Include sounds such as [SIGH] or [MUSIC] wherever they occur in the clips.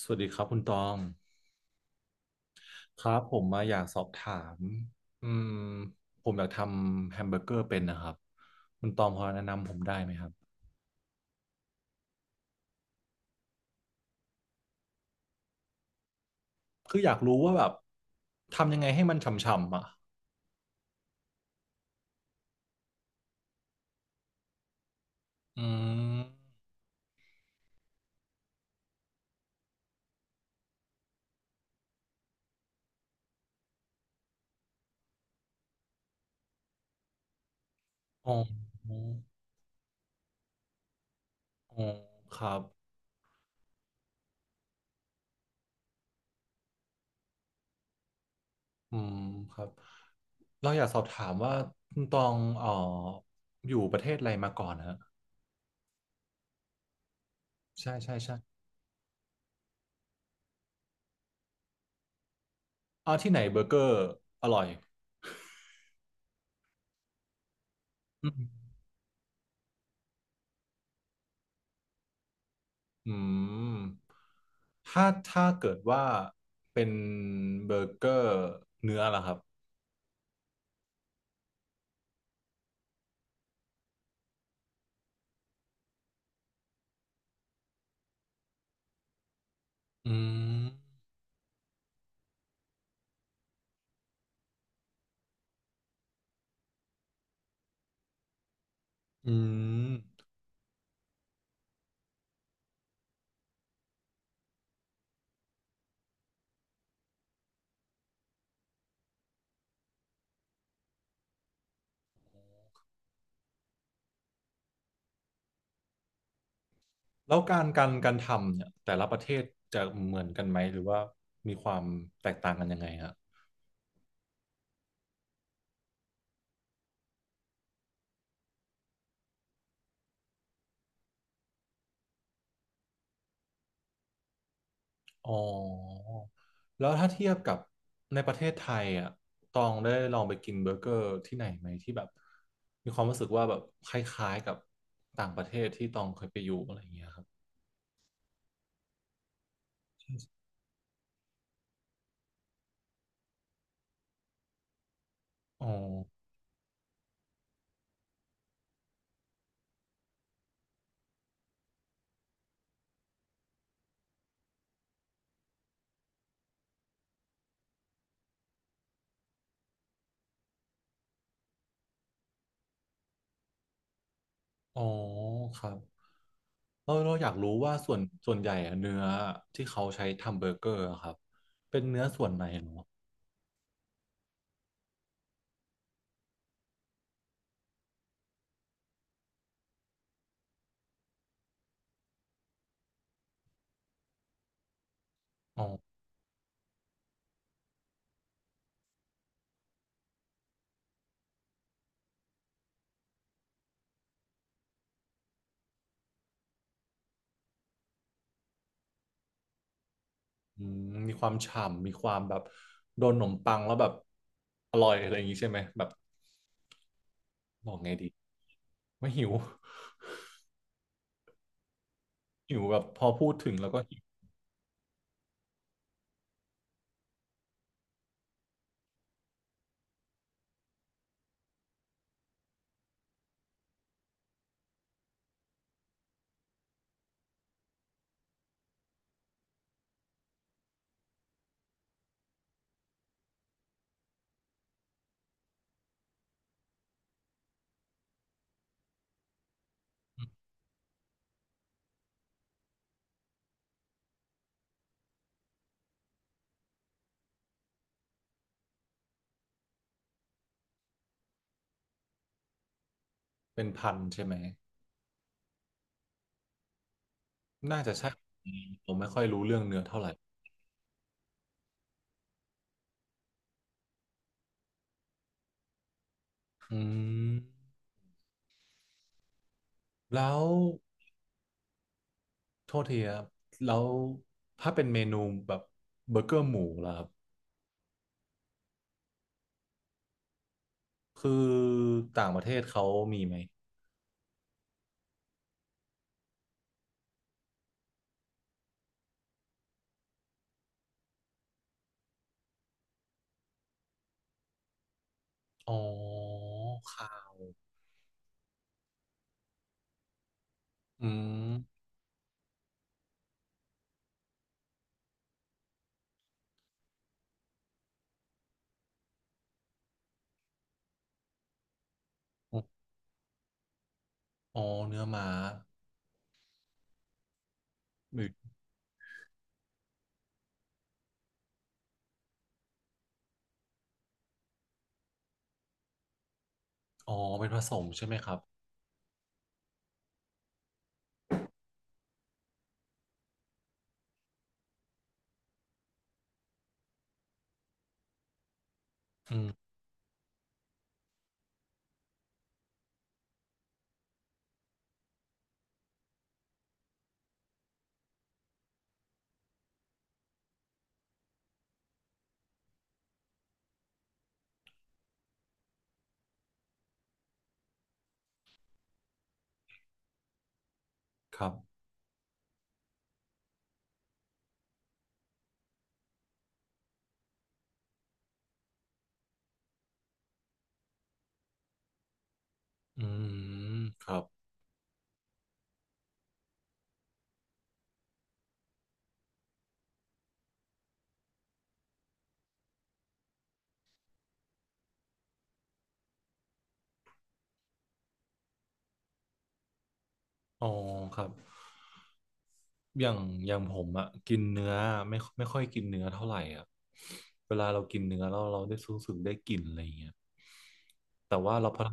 สวัสดีครับคุณตองครับผมมาอยากสอบถามอืมผมอยากทำแฮมเบอร์เกอร์เป็นนะครับคุณตองพอแนะนำผมได้ไหมครับคืออยากรู้ว่าแบบทำยังไงให้มันฉ่ำๆอ่ะอืมอ๋ออ๋อครับอืมครับเราอยากสอบถามว่าคุณตองอยู่ประเทศอะไรมาก่อนฮะใช่ใช่ใช่อ่าที่ไหนเบอร์เกอร์อร่อยอืม อืมถ้าเกิดว่าเป็นเบอร์เกอร์เนื้อล่ะครับอืมอืมแล้วการทำเนี่ยแต่ละประเทศจะเหมือนกันไหมหรือว่ามีความแตกต่างกันยังไงฮะอ๋อแล้วถ้าเทียบกับในประเทศไทยอ่ะตองได้ลองไปกินเบอร์เกอร์ที่ไหนไหมที่แบบมีความรู้สึกว่าแบบคล้ายๆกับต่างประเทศที่ตองเคยไปอยู่อะไรอย่างเงี้ยครับอ๋อ อ๋อครับเออเราอยากรู้ว่าส่วนใหญ่อะเนื้อที่เขาใช้ทำเบอร์เกอร์อะครับเป็นเนื้ออ๋ออืมมีความฉ่ำมีความแบบโดนขนมปังแล้วแบบอร่อยอะไรอย่างงี้ใช่ไหมแบบบอกไงดีไม่หิว [LAUGHS] หิวแบบพอพูดถึงแล้วก็หิวเป็นพันใช่ไหมน่าจะใช่ผมไม่ค่อยรู้เรื่องเนื้อเท่าไหร่อืมแล้วโทษทีครับแล้วถ้าเป็นเมนูแบบเบอร์เกอร์หมูล่ะครับ คือต่างประเทศเขามีไหมอ๋อค่ะอืมอ๋อเนื้อม้าหืออ๋อเป็นผสมใช่ไหมครับอืมครับอืมครับอ๋อครับอย่างอย่างผมอะกินเนื้อไม่ค่อยกินเนื้อเท่าไหร่อะเวลาเรากินเนื้อเราได้รู้สึกได้กลิ่นอะไรอย่างเงี้ยแต่ว่าเราพอ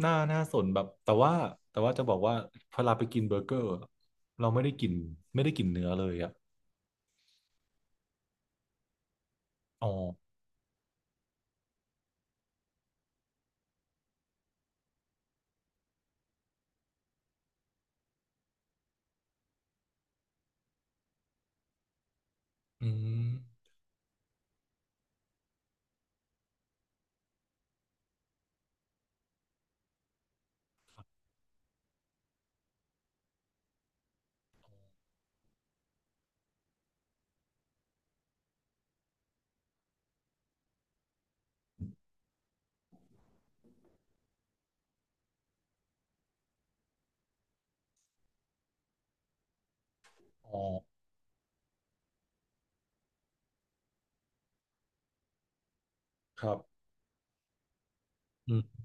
หน้าหน้าสนแบบแต่ว่าแต่ว่าจะบอกว่าพอเราไปกินเบอร์เกอร์อะเราไม่ได้กินเนื้อเลยอะอ๋ออืม อ๋อครับอืม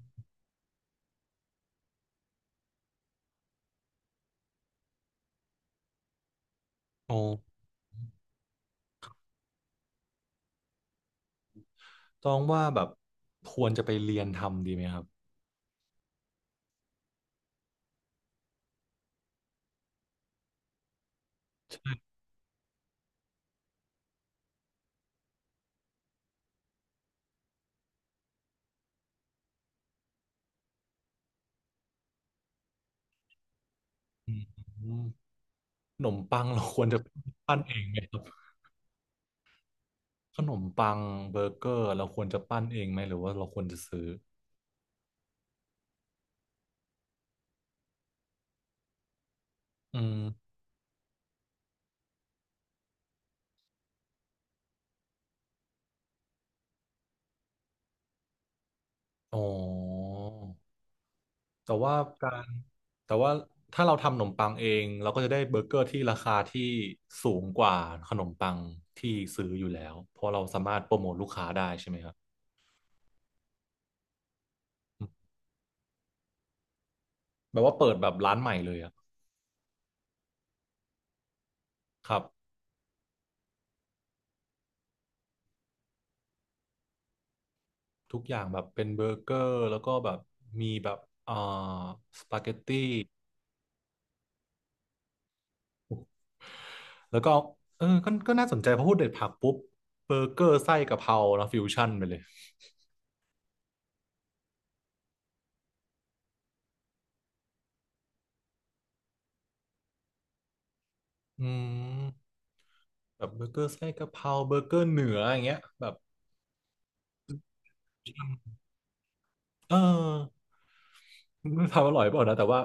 อ๋อต้องว่าแบบควรจะไปเรียนทำดีไหมครับอืมขนมปังเราควรจะปั้นเองไหมครับขนมปังเบอร์เกอร์เราควรจะปั้นเองไหมหรือว่าเราควรจะซื้ออืมอ๋อแต่ว่าการแต่ว่าถ้าเราทำขนมปังเองเราก็จะได้เบอร์เกอร์ที่ราคาที่สูงกว่าขนมปังที่ซื้ออยู่แล้วเพราะเราสามารถโปรโมทลูกค้าได้ใช่ไหมครับอืมแบบว่าเปิดแบบร้านใหม่เลยอะครับ ทุกอย่างแบบเป็นเบอร์เกอร์แล้วก็แบบมีแบบเอ่อสปาเกตตี้แล้วก็เออก็ก็น่าสนใจเพอพูดเด็ดผักปุ๊บเบอร์เกอร์ไส้กะเพรานะฟิวชั่นไปเลยอืมแบบเบอร์เกอร์ไส้กะเพราเบอร์เกอร์เหนืออย่างเงี้ยแบบเออไมันทำอร่อยเปล่านะแต่ว่า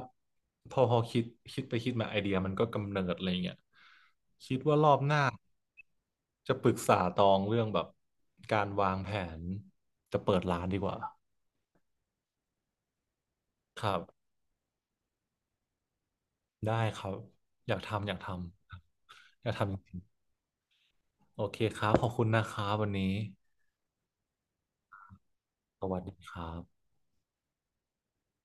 พอคิดคิดไปคิดมาไอเดียมันก็กำเนิดอะไรเงี้ยคิดว่ารอบหน้าจะปรึกษาตองเรื่องแบบการวางแผนจะเปิดร้านดีกว่าครับ ได้ครับอยากทำอยากทำอยากทำจริงๆโอเคครับขอบคุณนะครับวันนี้สวัสดีครับ